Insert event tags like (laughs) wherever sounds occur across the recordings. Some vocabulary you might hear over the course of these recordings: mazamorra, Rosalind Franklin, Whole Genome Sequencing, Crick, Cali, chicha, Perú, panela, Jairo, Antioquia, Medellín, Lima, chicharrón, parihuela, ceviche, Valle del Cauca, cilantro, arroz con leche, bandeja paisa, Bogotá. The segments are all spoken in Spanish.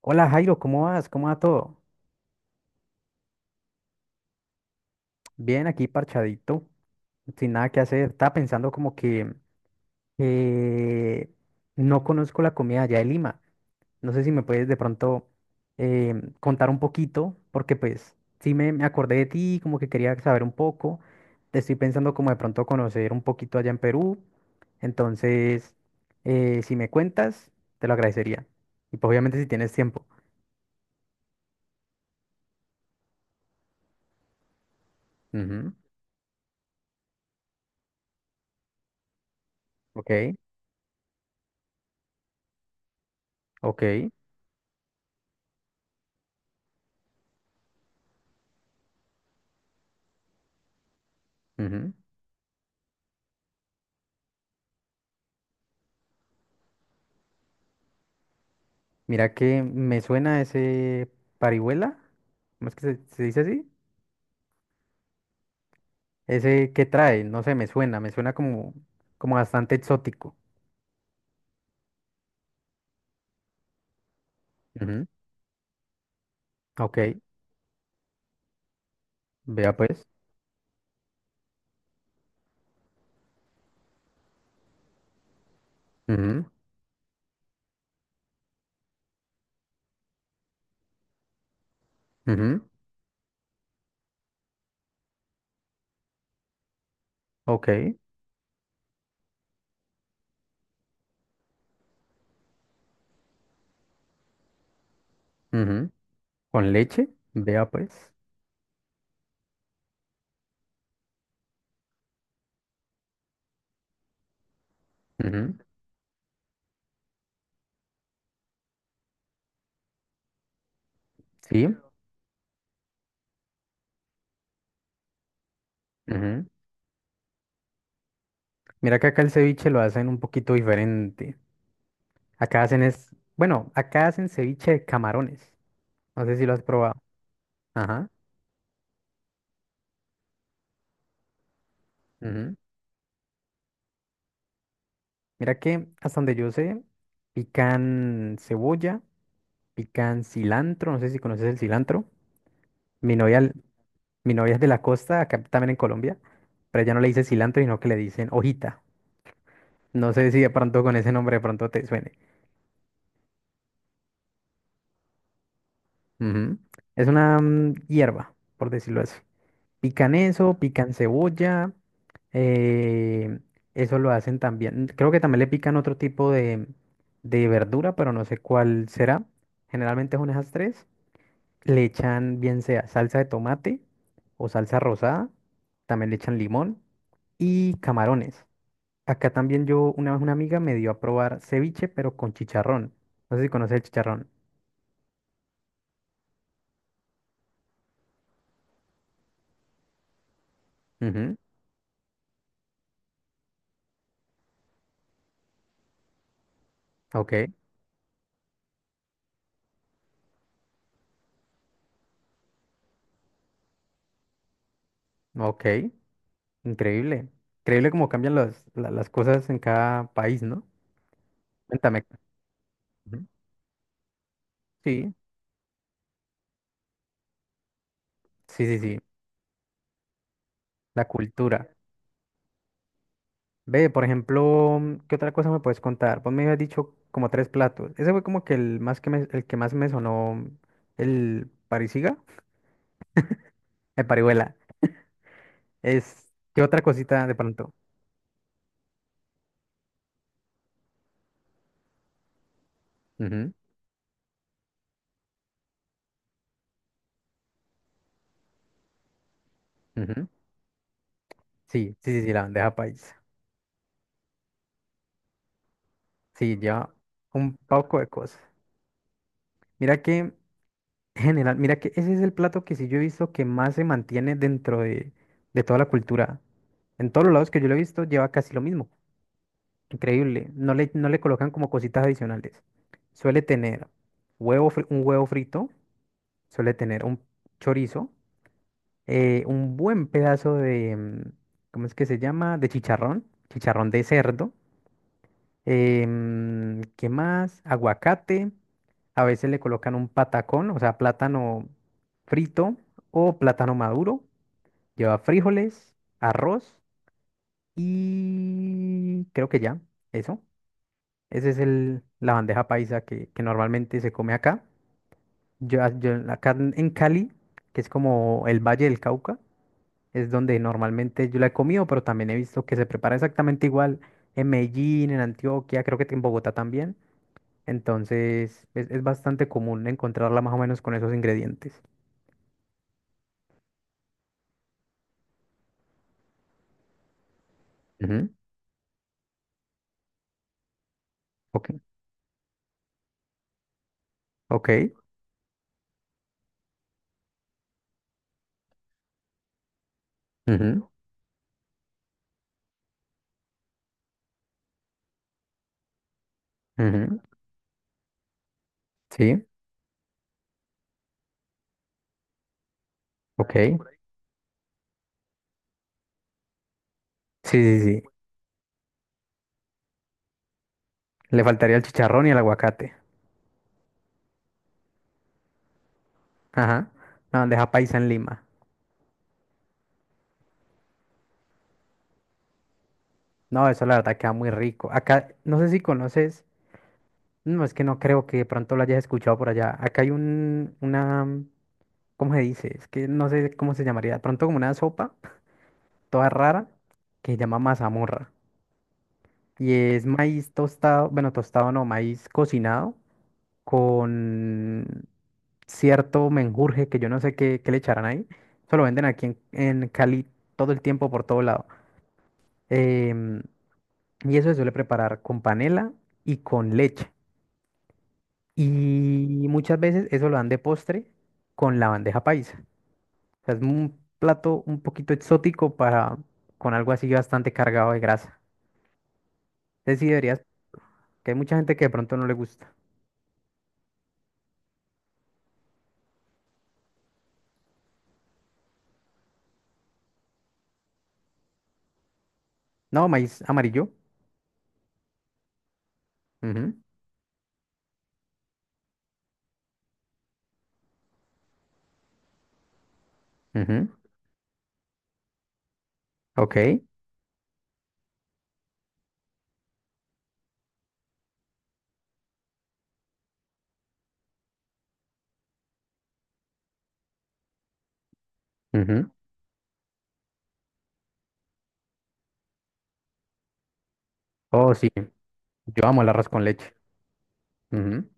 Hola Jairo, ¿cómo vas? ¿Cómo va todo? Bien, aquí parchadito, sin nada que hacer. Estaba pensando como que eh, no conozco la comida allá de Lima. No sé si me puedes de pronto contar un poquito, porque pues sí me acordé de ti, como que quería saber un poco. Te estoy pensando como de pronto conocer un poquito allá en Perú. Entonces, si me cuentas, te lo agradecería. Y pues obviamente si tienes tiempo. Ujú. Ok, ok. Ujú. Mira que me suena ese parihuela, ¿cómo es que se dice así? Ese que trae, no sé, me suena como bastante exótico. Ujú. Ok, vea pues. Ujú, ujú. Ok. Ujú. Con leche, vea pues. Ujú. Sí. Ujú. Mira que acá el ceviche lo hacen un poquito diferente. Acá hacen es, bueno, acá hacen ceviche de camarones. No sé si lo has probado. Ajá. Mira que hasta donde yo sé, pican cebolla, pican cilantro, no sé si conoces el cilantro. Mi novia, mi novia es de la costa, acá también en Colombia, pero ella no le dice cilantro, sino que le dicen hojita. No sé si de pronto con ese nombre de pronto te suene. Ujú. Es una hierba, por decirlo así. Pican eso, pican cebolla, eh, eso lo hacen también. Creo que también le pican otro tipo de verdura, pero no sé cuál será. Generalmente son esas tres. Le echan bien sea salsa de tomate o salsa rosada, también le echan limón y camarones. Acá también yo, una vez una amiga me dio a probar ceviche, pero con chicharrón. No sé si conoces el chicharrón. Ujú. Ok, ok, increíble. Increíble cómo cambian las cosas en cada país, ¿no? Cuéntame. Ujú. Sí, sí, sí, sí, la cultura. Ve, por ejemplo, ¿qué otra cosa me puedes contar? Vos me habías dicho como tres platos. Ese fue como que el que más me sonó el parisiga, el parihuela. Es, ¿qué otra cosita de pronto? Ujú, ujú. Sí, sí, sí, sí, la bandeja paisa. Sí, lleva un poco de cosas. Mira que, (laughs) en general, mira que ese es el plato que sí yo he visto que más se mantiene dentro de toda la cultura. En todos los lados que yo lo he visto lleva casi lo mismo. Increíble. No le colocan como cositas adicionales. Suele tener un huevo frito, suele tener un chorizo, un buen pedazo de, ¿cómo es que se llama? De chicharrón, chicharrón de cerdo. ¿Qué más? Aguacate. A veces le colocan un patacón, o sea, plátano frito o plátano maduro. Lleva frijoles, arroz y creo que ya, eso. Ese es la bandeja paisa que normalmente se come acá. Yo acá en Cali, que es como el Valle del Cauca, es donde normalmente yo la he comido, pero también he visto que se prepara exactamente igual en Medellín, en Antioquia, creo que en Bogotá también. Entonces es bastante común encontrarla más o menos con esos ingredientes. Ujú. Ok, ok. Ujú, ujú. Sí, ok. Sí, sí, sí. Le faltaría el chicharrón y el aguacate. Ajá. La bandeja paisa en Lima. No, eso la verdad queda muy rico. Acá, no sé si conoces, no, es que no creo que de pronto lo hayas escuchado por allá. Acá hay una, ¿cómo se dice? Es que no sé cómo se llamaría. De pronto como una sopa toda rara que se llama mazamorra. Y es maíz tostado, bueno, tostado no, maíz cocinado con cierto menjurje que yo no sé qué le echarán ahí. Eso lo venden aquí en Cali todo el tiempo, por todo lado. Em, y eso se suele preparar con panela y con leche. Y muchas veces eso lo dan de postre con la bandeja paisa. O sea, es un plato un poquito exótico para con algo así bastante cargado de grasa. Entonces sí deberías, que hay mucha gente que de pronto no le gusta. No, maíz amarillo. Ujú, ujú. Ok. Ujú. Oh, sí. Yo amo el arroz con leche. Ujú.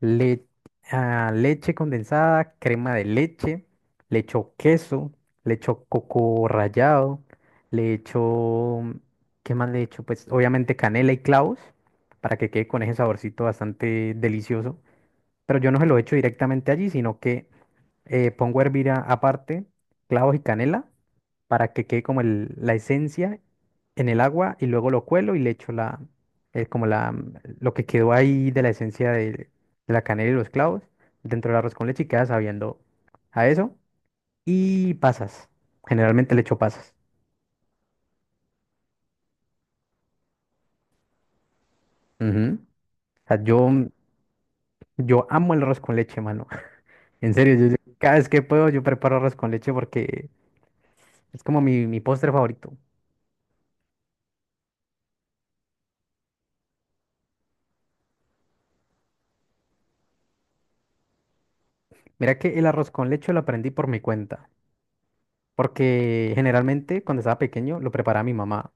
le- leche condensada, crema de leche, le echo queso, le echo coco rallado, le echo, ¿qué más le echo? Pues obviamente canela y clavos para que quede con ese saborcito bastante delicioso, pero yo no se lo echo directamente allí, sino que pongo a hervir aparte clavos y canela para que quede como la esencia en el agua y luego lo cuelo y le echo la, como la, lo que quedó ahí de la esencia de la canela y los clavos dentro del arroz con leche y queda sabiendo a eso. Y pasas. Generalmente le echo pasas. Ujú. O sea, yo amo el arroz con leche, mano. (laughs) En serio, yo cada vez que puedo yo preparo arroz con leche porque es como mi postre favorito. Mira que el arroz con leche lo aprendí por mi cuenta, porque generalmente cuando estaba pequeño lo preparaba mi mamá.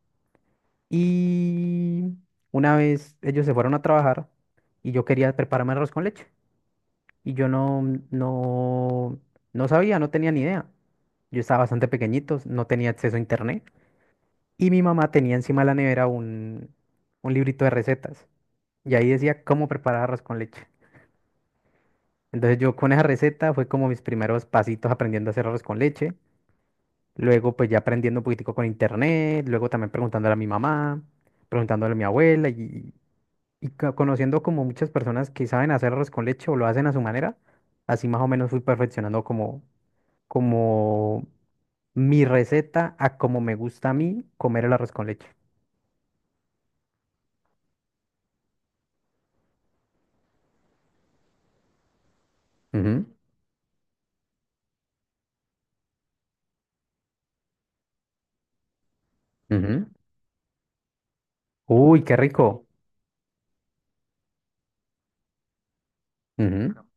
Y una vez ellos se fueron a trabajar y yo quería prepararme arroz con leche y yo no, no, no sabía, no tenía ni idea. Yo estaba bastante pequeñito, no tenía acceso a internet y mi mamá tenía encima de la nevera un librito de recetas y ahí decía cómo preparar arroz con leche. Entonces yo con esa receta fue como mis primeros pasitos aprendiendo a hacer arroz con leche. Luego, pues ya aprendiendo un poquitico con internet, luego también preguntándole a mi mamá, preguntándole a mi abuela y conociendo como muchas personas que saben hacer arroz con leche o lo hacen a su manera, así más o menos fui perfeccionando como mi receta a como me gusta a mí comer el arroz con leche. Ujú, ujú. Uy, qué rico. Ujú.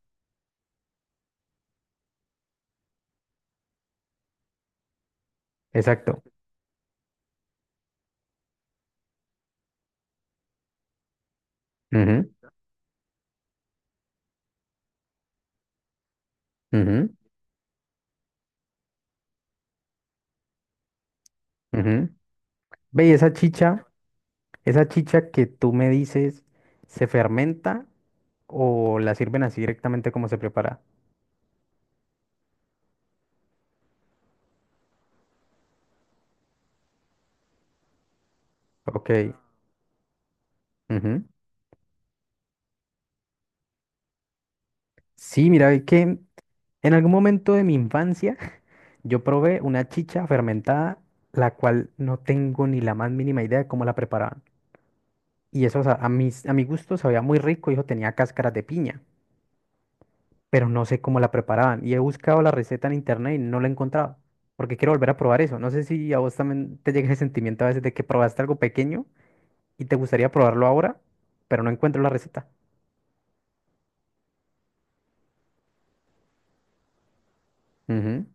Exacto. Ujú, ujú, ujú. Ve, y esa chicha que tú me dices se fermenta. ¿O la sirven así directamente como se prepara? Ok. Ujú. Sí, mira, es que en algún momento de mi infancia (laughs) yo probé una chicha fermentada, la cual no tengo ni la más mínima idea de cómo la preparaban. Y eso, o sea, a mi gusto sabía muy rico, hijo, tenía cáscaras de piña, pero no sé cómo la preparaban. Y he buscado la receta en internet y no la he encontrado, porque quiero volver a probar eso. No sé si a vos también te llega ese sentimiento a veces de que probaste algo pequeño y te gustaría probarlo ahora, pero no encuentro la receta. Ujú,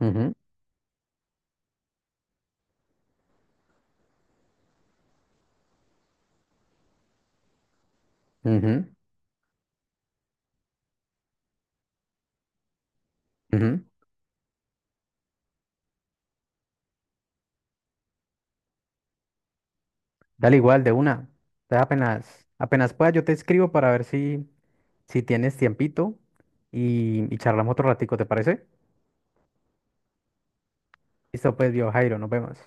ujú. Ujú, ujú. Dale igual de una. Apenas, apenas pueda, yo te escribo para ver si tienes tiempito y charlamos otro ratico, ¿te parece? Listo, pues, viejo Jairo, nos vemos.